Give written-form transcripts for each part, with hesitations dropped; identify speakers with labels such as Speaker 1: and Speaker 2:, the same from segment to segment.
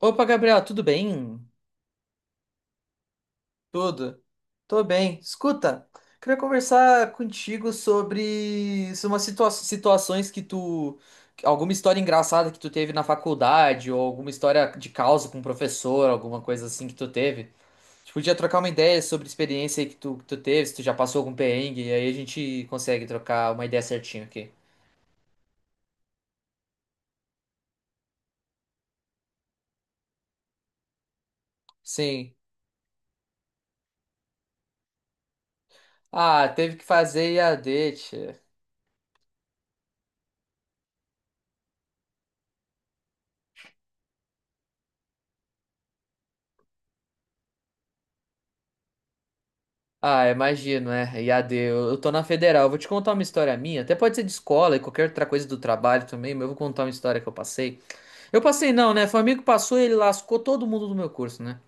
Speaker 1: Opa, Gabriel, tudo bem? Tudo. Tô bem. Escuta, queria conversar contigo sobre umas situações que tu. Alguma história engraçada que tu teve na faculdade, ou alguma história de causa com o professor, alguma coisa assim que tu teve. A gente podia trocar uma ideia sobre experiência aí que tu teve, se tu já passou algum perrengue, e aí a gente consegue trocar uma ideia certinho aqui. Sim. Ah, teve que fazer IAD, tchê. Ah, imagino, é. IAD, eu tô na federal. Eu vou te contar uma história minha. Até pode ser de escola e qualquer outra coisa do trabalho também, mas eu vou contar uma história que eu passei. Eu passei não, né? Foi um amigo que passou e ele lascou todo mundo do meu curso, né?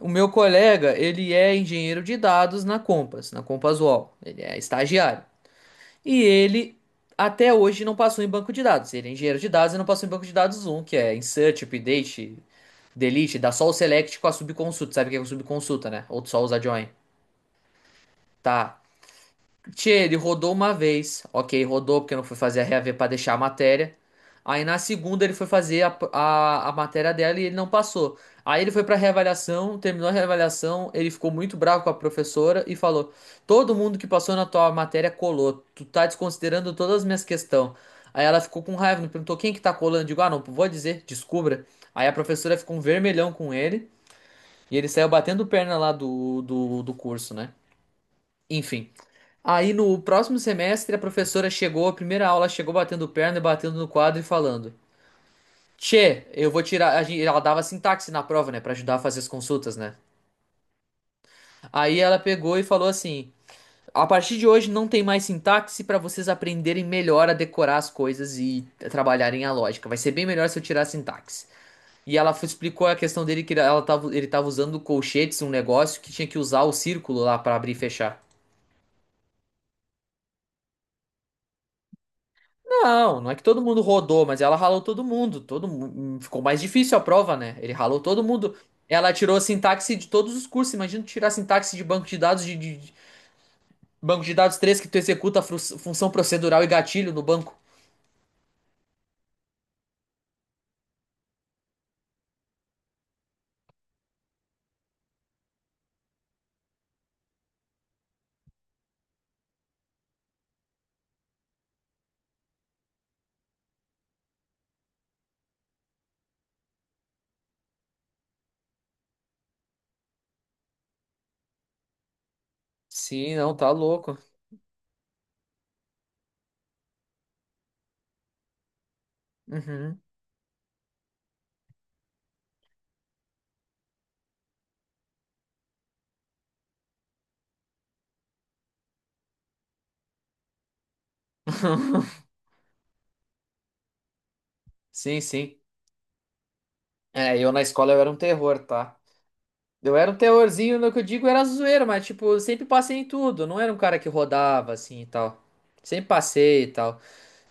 Speaker 1: O meu colega, ele é engenheiro de dados na Compass UOL. Ele é estagiário. E ele até hoje não passou em banco de dados. Ele é engenheiro de dados e não passou em banco de dados um, que é insert, update, delete, dá só o select com a subconsulta. Sabe o que é subconsulta, né? Ou só usa join. Tá, tchê, ele rodou uma vez. Ok, rodou porque não foi fazer a reaver pra deixar a matéria. Aí na segunda ele foi fazer a matéria dela e ele não passou. Aí ele foi pra reavaliação, terminou a reavaliação, ele ficou muito bravo com a professora e falou: Todo mundo que passou na tua matéria colou. Tu tá desconsiderando todas as minhas questões. Aí ela ficou com raiva, me perguntou quem que tá colando. Eu digo, ah, não, vou dizer, descubra. Aí a professora ficou um vermelhão com ele e ele saiu batendo perna lá do curso, né? Enfim. Aí no próximo semestre a professora chegou, a primeira aula chegou batendo perna, e batendo no quadro e falando: Tchê, eu vou tirar. Ela dava sintaxe na prova, né, pra ajudar a fazer as consultas, né? Aí ela pegou e falou assim: A partir de hoje não tem mais sintaxe pra vocês aprenderem melhor a decorar as coisas e trabalharem a lógica. Vai ser bem melhor se eu tirar a sintaxe. E ela explicou a questão dele que ela tava, ele tava usando colchetes, um negócio que tinha que usar o círculo lá pra abrir e fechar. Não, não é que todo mundo rodou, mas ela ralou todo mundo. Ficou mais difícil a prova, né? Ele ralou todo mundo. Ela tirou sintaxe de todos os cursos. Imagina tu tirar sintaxe de banco de dados de banco de dados três, que tu executa função procedural e gatilho no banco. Sim, não, tá louco. Uhum. Sim, sim. É, eu na escola eu era um terror, tá? Eu era um terrorzinho, no que eu digo era zoeira, mas tipo, eu sempre passei em tudo. Eu não era um cara que rodava assim e tal. Sempre passei e tal.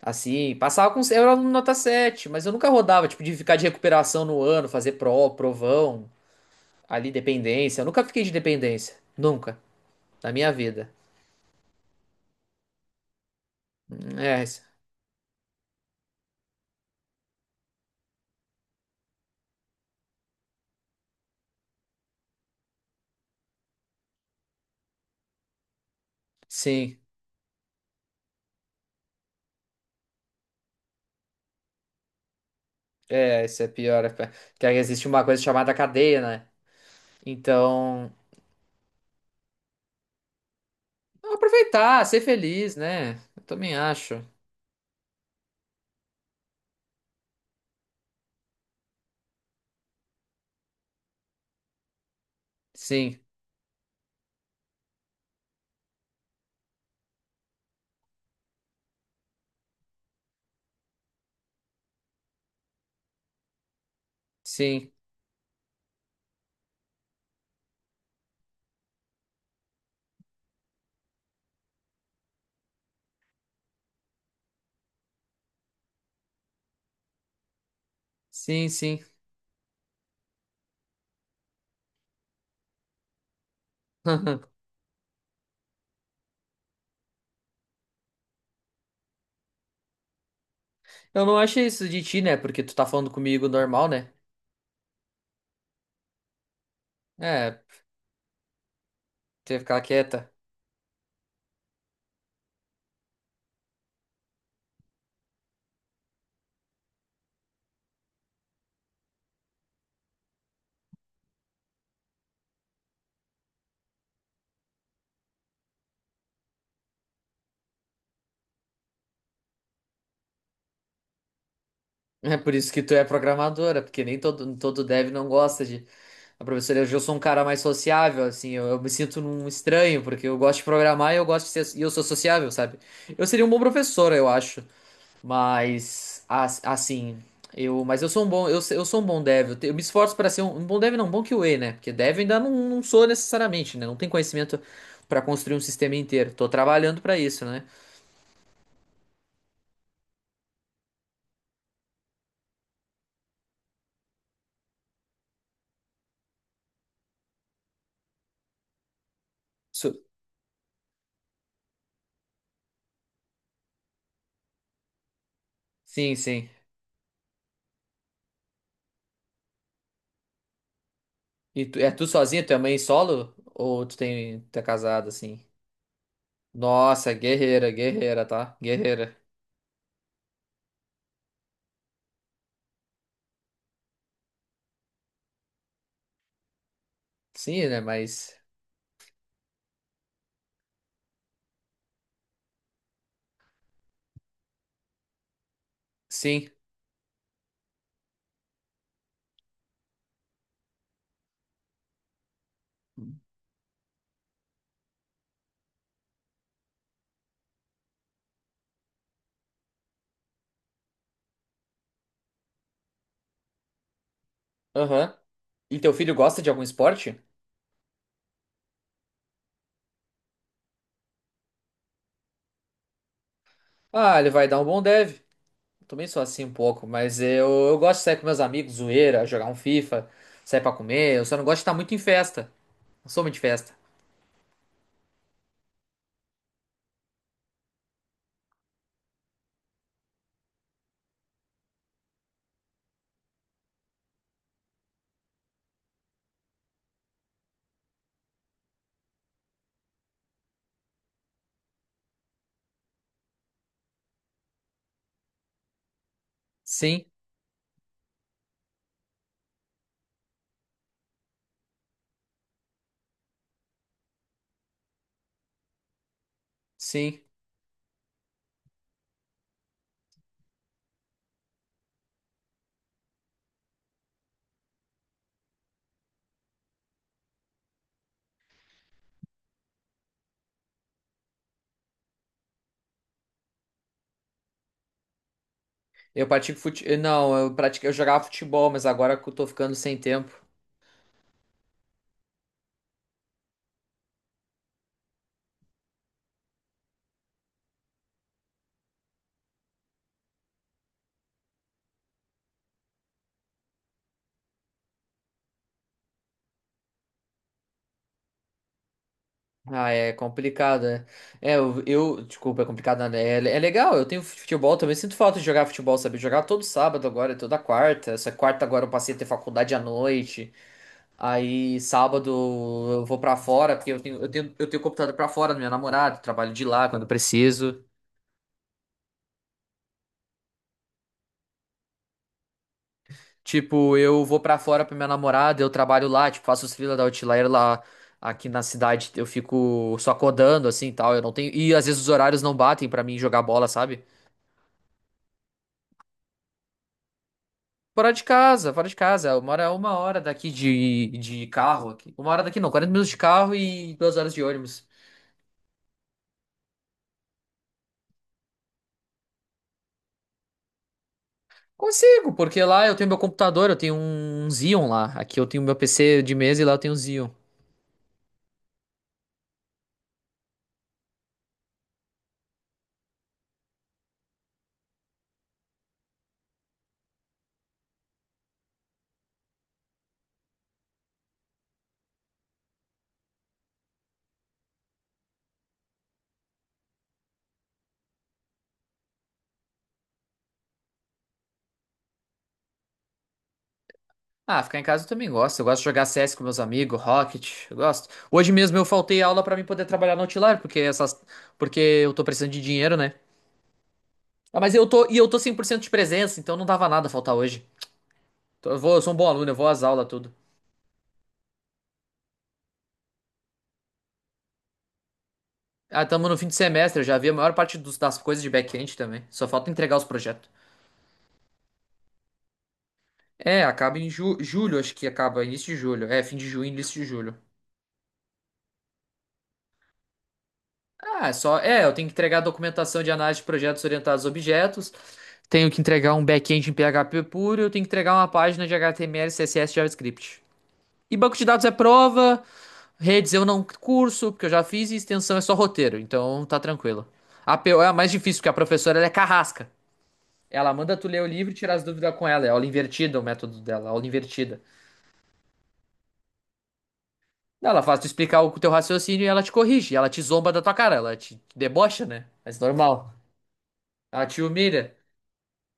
Speaker 1: Assim, passava com. Eu era aluno nota sete, mas eu nunca rodava, tipo, de ficar de recuperação no ano, fazer pró, provão, ali dependência. Eu nunca fiquei de dependência. Nunca. Na minha vida. É, sim. É, isso é pior. É que aí existe uma coisa chamada cadeia, né? Então, aproveitar, ser feliz, né? Eu também acho. Sim, sim, sim, sim. Eu não achei isso de ti, né? Porque tu tá falando comigo normal, né? É, ter ficar quieta. É por isso que tu é programadora, porque nem todo dev não gosta de. A professora, eu sou um cara mais sociável, assim, eu me sinto num estranho, porque eu gosto de programar e eu gosto de ser, e eu sou sociável, sabe? Eu seria um bom professor, eu acho, mas assim, eu, mas eu sou um bom, eu, eu sou um bom dev, eu, eu me esforço para ser um, um bom dev, não, um bom QA, né? Porque dev ainda não, não sou necessariamente, né? Não tenho conhecimento para construir um sistema inteiro. Tô trabalhando para isso, né? Sou- Sim, sim. E tu, é tu sozinha, tua mãe solo? Ou tu tem, tu é casado, assim? Nossa, guerreira, guerreira, tá? Guerreira. Sim, né? Mas. Sim. Aham. E teu filho gosta de algum esporte? Ah, ele vai dar um bom deve. Eu também sou assim um pouco, mas eu gosto de sair com meus amigos, zoeira, jogar um FIFA, sair pra comer. Eu só não gosto de estar muito em festa. Não sou muito de festa. Sim, sim. Eu pratico fute... Não, eu pratico... eu jogava futebol, mas agora que eu tô ficando sem tempo. Ah, é complicado, né? É, eu, desculpa, é complicado, nada. É, é legal, eu tenho futebol também. Sinto falta de jogar futebol, sabe? Jogar todo sábado agora, toda quarta. Só que quarta agora eu passei a ter faculdade à noite. Aí sábado eu vou pra fora, porque eu tenho computador pra fora do meu namorado, trabalho de lá quando preciso. Tipo, eu vou pra fora pra minha namorada, eu trabalho lá, tipo, faço os freela da Outlier lá. Aqui na cidade eu fico só codando assim e tal, eu não tenho. E às vezes os horários não batem pra mim jogar bola, sabe? Fora de casa, fora de casa. Eu moro a uma hora daqui de carro aqui. Uma hora daqui não, 40 minutos de carro e 2 horas de ônibus. Consigo, porque lá eu tenho meu computador, eu tenho um Xeon lá. Aqui eu tenho meu PC de mesa e lá eu tenho um Xeon. Ah, ficar em casa eu também gosto. Eu gosto de jogar CS com meus amigos, Rocket, eu gosto. Hoje mesmo eu faltei aula pra mim poder trabalhar no Outlier, porque essas porque eu tô precisando de dinheiro, né? Ah, mas eu tô e eu tô 100% de presença, então não dava nada faltar hoje. Então eu vou, eu sou um bom aluno, eu vou às aulas tudo. Ah, estamos no fim de semestre, eu já vi a maior parte das coisas de back-end também. Só falta entregar os projetos. É, acaba em julho, acho que acaba, início de julho. É, fim de junho, início de julho. Ah, é só. É, eu tenho que entregar a documentação de análise de projetos orientados a objetos. Tenho que entregar um back-end em PHP puro. Eu tenho que entregar uma página de HTML, CSS, e JavaScript. E banco de dados é prova. Redes eu não curso, porque eu já fiz. E extensão é só roteiro, então tá tranquilo. A APO é a mais difícil, porque a professora ela é carrasca. Ela manda tu ler o livro e tirar as dúvidas com ela. É aula invertida o método dela, aula invertida. Ela faz tu explicar o teu raciocínio e ela te corrige. Ela te zomba da tua cara, ela te debocha, né? Mas normal. Ela te humilha.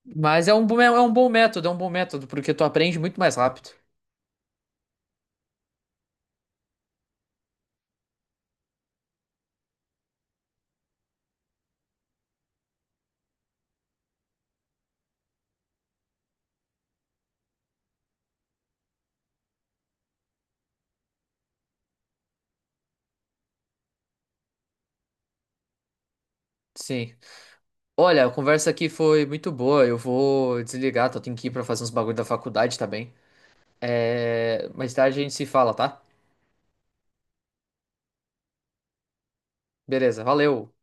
Speaker 1: Mas é um, é um bom método, é um bom método, porque tu aprende muito mais rápido. Sim. Olha, a conversa aqui foi muito boa. Eu vou desligar, tenho que ir pra fazer uns bagulho da faculdade, tá bem? É... Mais tarde a gente se fala, tá? Beleza, valeu.